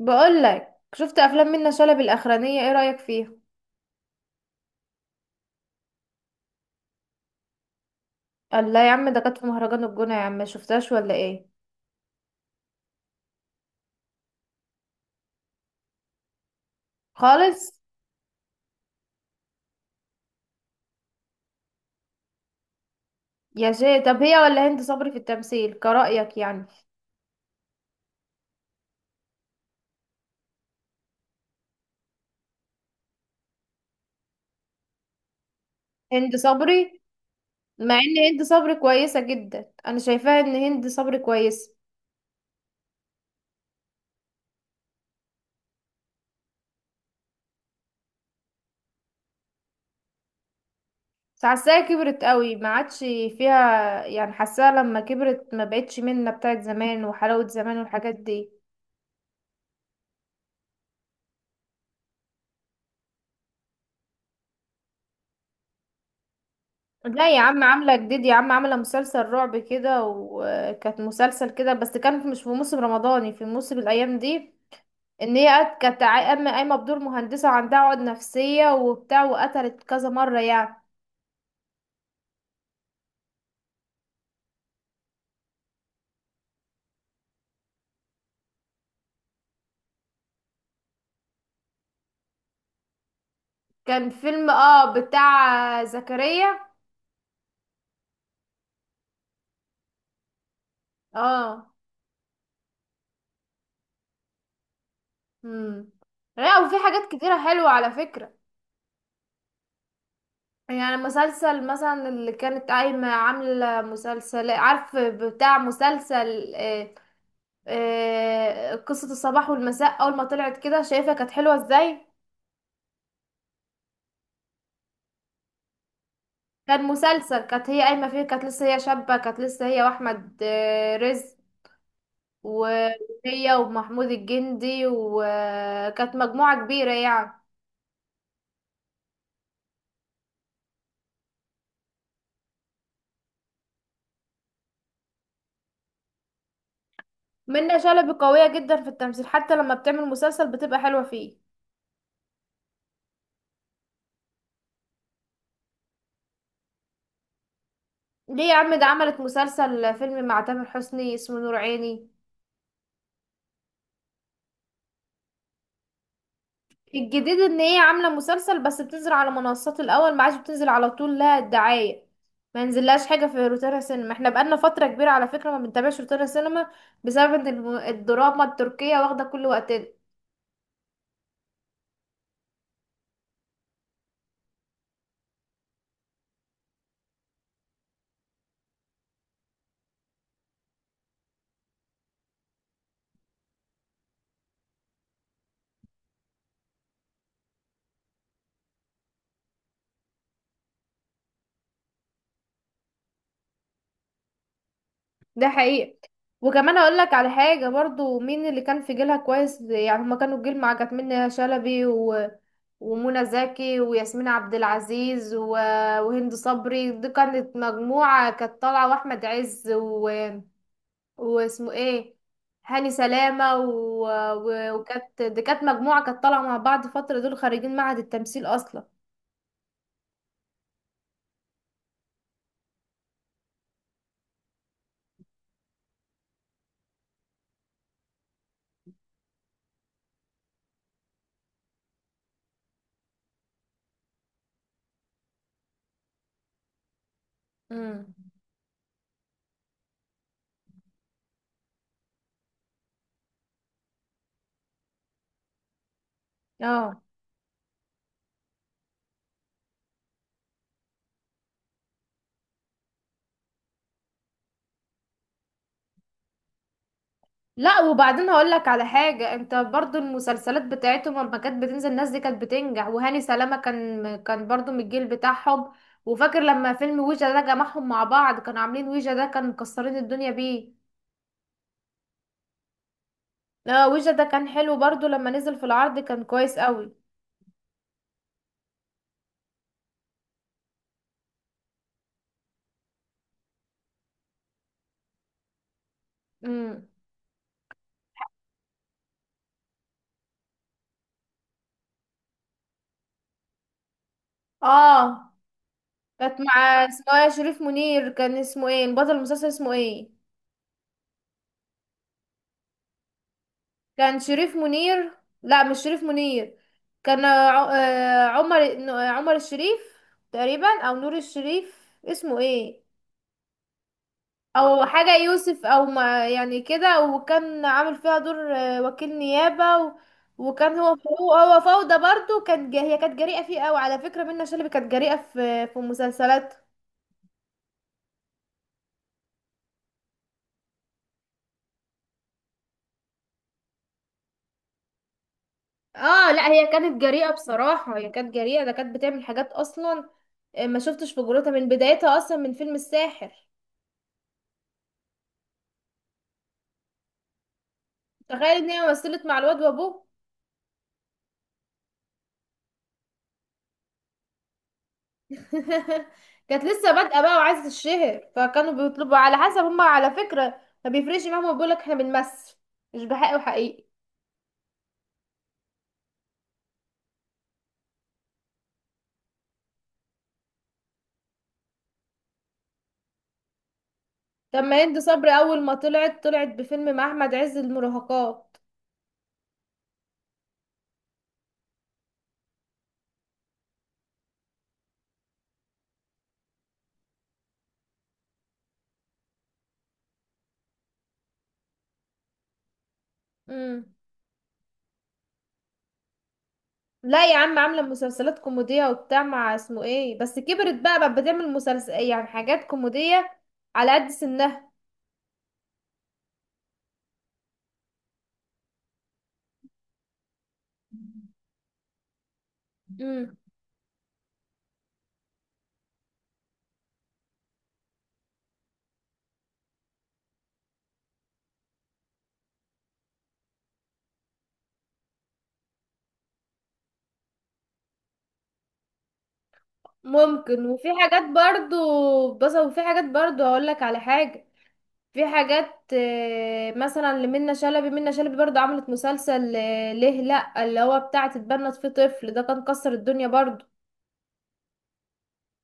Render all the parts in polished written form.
بقول لك، شفت افلام منة شلبي الاخرانيه؟ ايه رايك فيها؟ الله يا عم، ده كانت في مهرجان الجونه يا عم، ما شفتهاش ولا ايه؟ خالص. يا شيخ، طب هي ولا هند صبري في التمثيل كرايك؟ يعني هند صبري؟ مع ان هند صبري كويسه جدا، انا شايفاها ان هند صبري كويسه، بس حاساها كبرت قوي ما عادش فيها. يعني حاساها لما كبرت ما بقتش منة بتاعت زمان وحلاوه زمان والحاجات دي. لا يا عم، عاملة جديد يا عم، عاملة مسلسل رعب كده، وكانت مسلسل كده بس كان مش في موسم رمضاني، في موسم الأيام دي. إن هي كانت قايمة بدور مهندسة، وعندها عقد نفسية وبتاع، وقتلت كذا مرة يعني. كان فيلم اه بتاع زكريا. اه. امم. لا، وفي حاجات كتيرة حلوة على فكرة. يعني مسلسل مثلا، اللي كانت قايمة عاملة مسلسل، عارف بتاع مسلسل، قصة الصباح والمساء. أول ما طلعت كده شايفة كانت حلوة ازاي. كان مسلسل كانت هي قايمة فيه، كانت لسه هي شابة، كانت لسه هي وأحمد رزق، وهي ومحمود الجندي، وكانت مجموعة كبيرة يعني. منة شلبي قوية جدا في التمثيل، حتى لما بتعمل مسلسل بتبقى حلوة فيه. ليه يا عم؟ ده عملت مسلسل فيلم مع تامر حسني اسمه نور عيني. الجديد ان هي عامله مسلسل بس بتنزل على منصات الاول، ما عادش بتنزل على طول لها الدعايه، ما ينزلهاش حاجه في روتانا سينما. احنا بقالنا فتره كبيره على فكره ما بنتابعش روتانا سينما، بسبب ان الدراما التركيه واخده كل وقتنا. ده حقيقي. وكمان اقول لك على حاجه برضو، مين اللي كان في جيلها كويس يعني؟ هما كانوا الجيل، مع كانت منى شلبي و... ومنى زكي وياسمين عبد العزيز و... وهند صبري، دي كانت مجموعه كانت طالعه، واحمد عز و... واسمه ايه، هاني سلامة و... و... وكانت دي كانت مجموعة كانت طالعة مع بعض فترة، دول خارجين معهد التمثيل اصلا. امم. اه. لا، وبعدين هقول لك على حاجة، انت برضو المسلسلات بتاعتهم لما كانت بتنزل الناس دي كانت بتنجح، وهاني سلامة كان برضو من الجيل بتاعهم. وفاكر لما فيلم ويجا ده جمعهم مع بعض، كانوا عاملين ويجا ده، كان مكسرين الدنيا بيه. اه، ويجا ده كان حلو برضو، لما نزل في العرض كان كويس قوي. امم. اه، كانت مع اسمها شريف منير، كان اسمه ايه البطل المسلسل، اسمه ايه؟ كان شريف منير. لا، مش شريف منير. كان عمر عمر الشريف تقريبا، او نور الشريف، اسمه ايه. او حاجة يوسف، او ما يعني كده، وكان عامل فيها دور وكيل نيابة و... وكان هو، هو فوضى برضو. كان هي كانت جريئة فيه قوي على فكرة، منة شلبي كانت جريئة في مسلسلات. اه، لا هي كانت جريئة بصراحة، هي كانت جريئة، ده كانت بتعمل حاجات اصلا. ما شفتش في جرأتها من بدايتها، اصلا من فيلم الساحر. تخيل ان هي مثلت مع الواد وابوه. كانت لسه بادئة بقى وعايزة تتشهر، فكانوا بيطلبوا على حسب هما، على فكرة ما بيفرقش معاهم، بيقولك احنا بنمثل مش بحق وحقيقي. طب ما هند صبري اول ما طلعت طلعت بفيلم مع احمد عز، المراهقات. امم. لا يا عم، عاملة مسلسلات كوميدية وبتاع مع اسمه ايه، بس كبرت بقى، بتعمل مسلسل يعني حاجات كوميدية على قد سنها. مم. ممكن، وفي حاجات برضو، بس وفي حاجات برضو هقولك على حاجة. في حاجات مثلا لمنى شلبي، منى شلبي برضو عملت مسلسل ليه لأ، اللي هو بتاع تتبنت فيه طفل، ده كان كسر الدنيا برضو،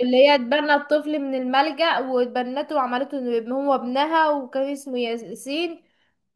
اللي هي اتبنى الطفل من الملجأ واتبنته وعملته إنه يبقى هو ابنها، وكان اسمه ياسين،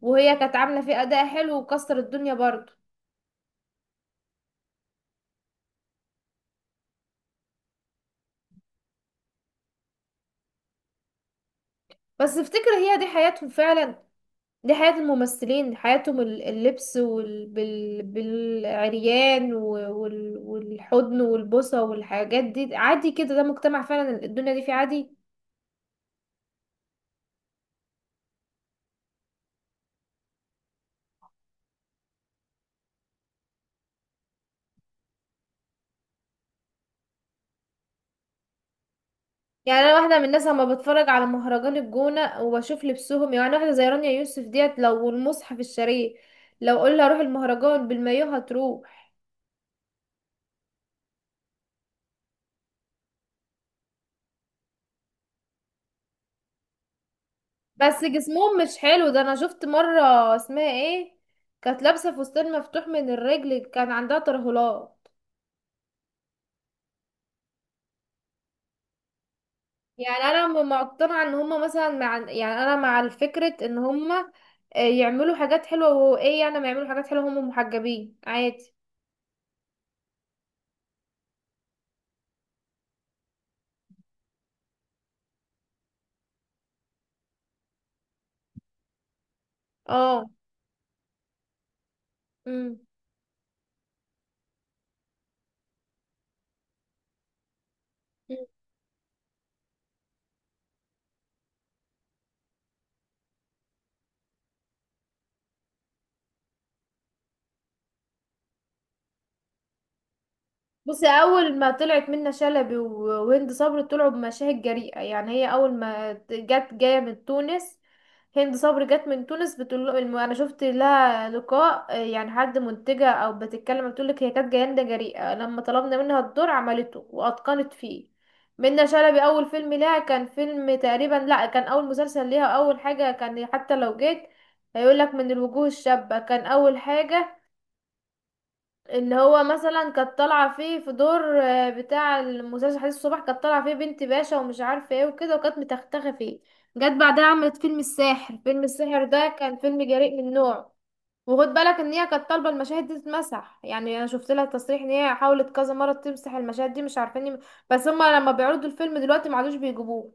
وهي كانت عاملة فيه أداء حلو وكسر الدنيا برضه. بس افتكر هي دي حياتهم فعلا، دي حياة الممثلين، حياتهم اللبس بالعريان والحضن والبوسة والحاجات دي عادي كده، ده مجتمع فعلا الدنيا دي فيه عادي. يعني انا واحده من الناس لما بتفرج على مهرجان الجونه وبشوف لبسهم، يعني واحده زي رانيا يوسف ديت، لو المصحف الشريف لو قلنا روح المهرجان بالمايو هتروح. بس جسمهم مش حلو، ده انا شفت مره، اسمها ايه، كانت لابسه فستان مفتوح من الرجل، كان عندها ترهلات. يعني انا مقتنعه ان هما مثلا مع، يعني انا مع الفكره ان هما يعملوا حاجات حلوه، وايه يعني ما يعملوا حاجات حلوه، هما محجبين عادي. اه. امم. بصي، اول ما طلعت منة شلبي وهند صبري طلعوا بمشاهد جريئة. يعني هي اول ما جت جاية من تونس، هند صبري جت من تونس، بتقول له انا شفت لها لقاء يعني حد منتجة او بتتكلم بتقول لك هي كانت جاية جريئة، لما طلبنا منها الدور عملته واتقنت فيه. منة شلبي اول فيلم لها كان فيلم تقريبا، لا كان اول مسلسل ليها اول حاجة، كان حتى لو جيت هيقول لك من الوجوه الشابة كان اول حاجة، اللي هو مثلا كانت طالعه فيه في دور بتاع المسلسل، حديث الصبح، كانت طالعه فيه بنت باشا ومش عارفه ايه وكده، وكانت متختخه فيه. جت بعدها عملت فيلم الساحر، فيلم الساحر ده كان فيلم جريء من نوعه. وخد بالك ان هي كانت طالبه المشاهد دي تتمسح، يعني انا شفت لها تصريح ان هي حاولت كذا مره تمسح المشاهد دي، مش عارفين بس هما لما بيعرضوا الفيلم دلوقتي ما عادوش بيجيبوه.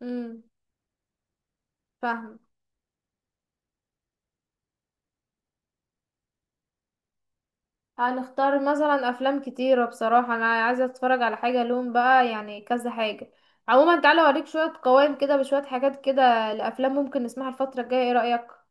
امم. فاهمه. هنختار مثلا افلام كتيرة بصراحة، انا عايزة اتفرج على حاجة لون بقى، يعني كذا حاجة. عموما تعالى اوريك شوية قوائم كده بشوية حاجات كده لافلام ممكن نسمعها الفترة الجاية، ايه رأيك؟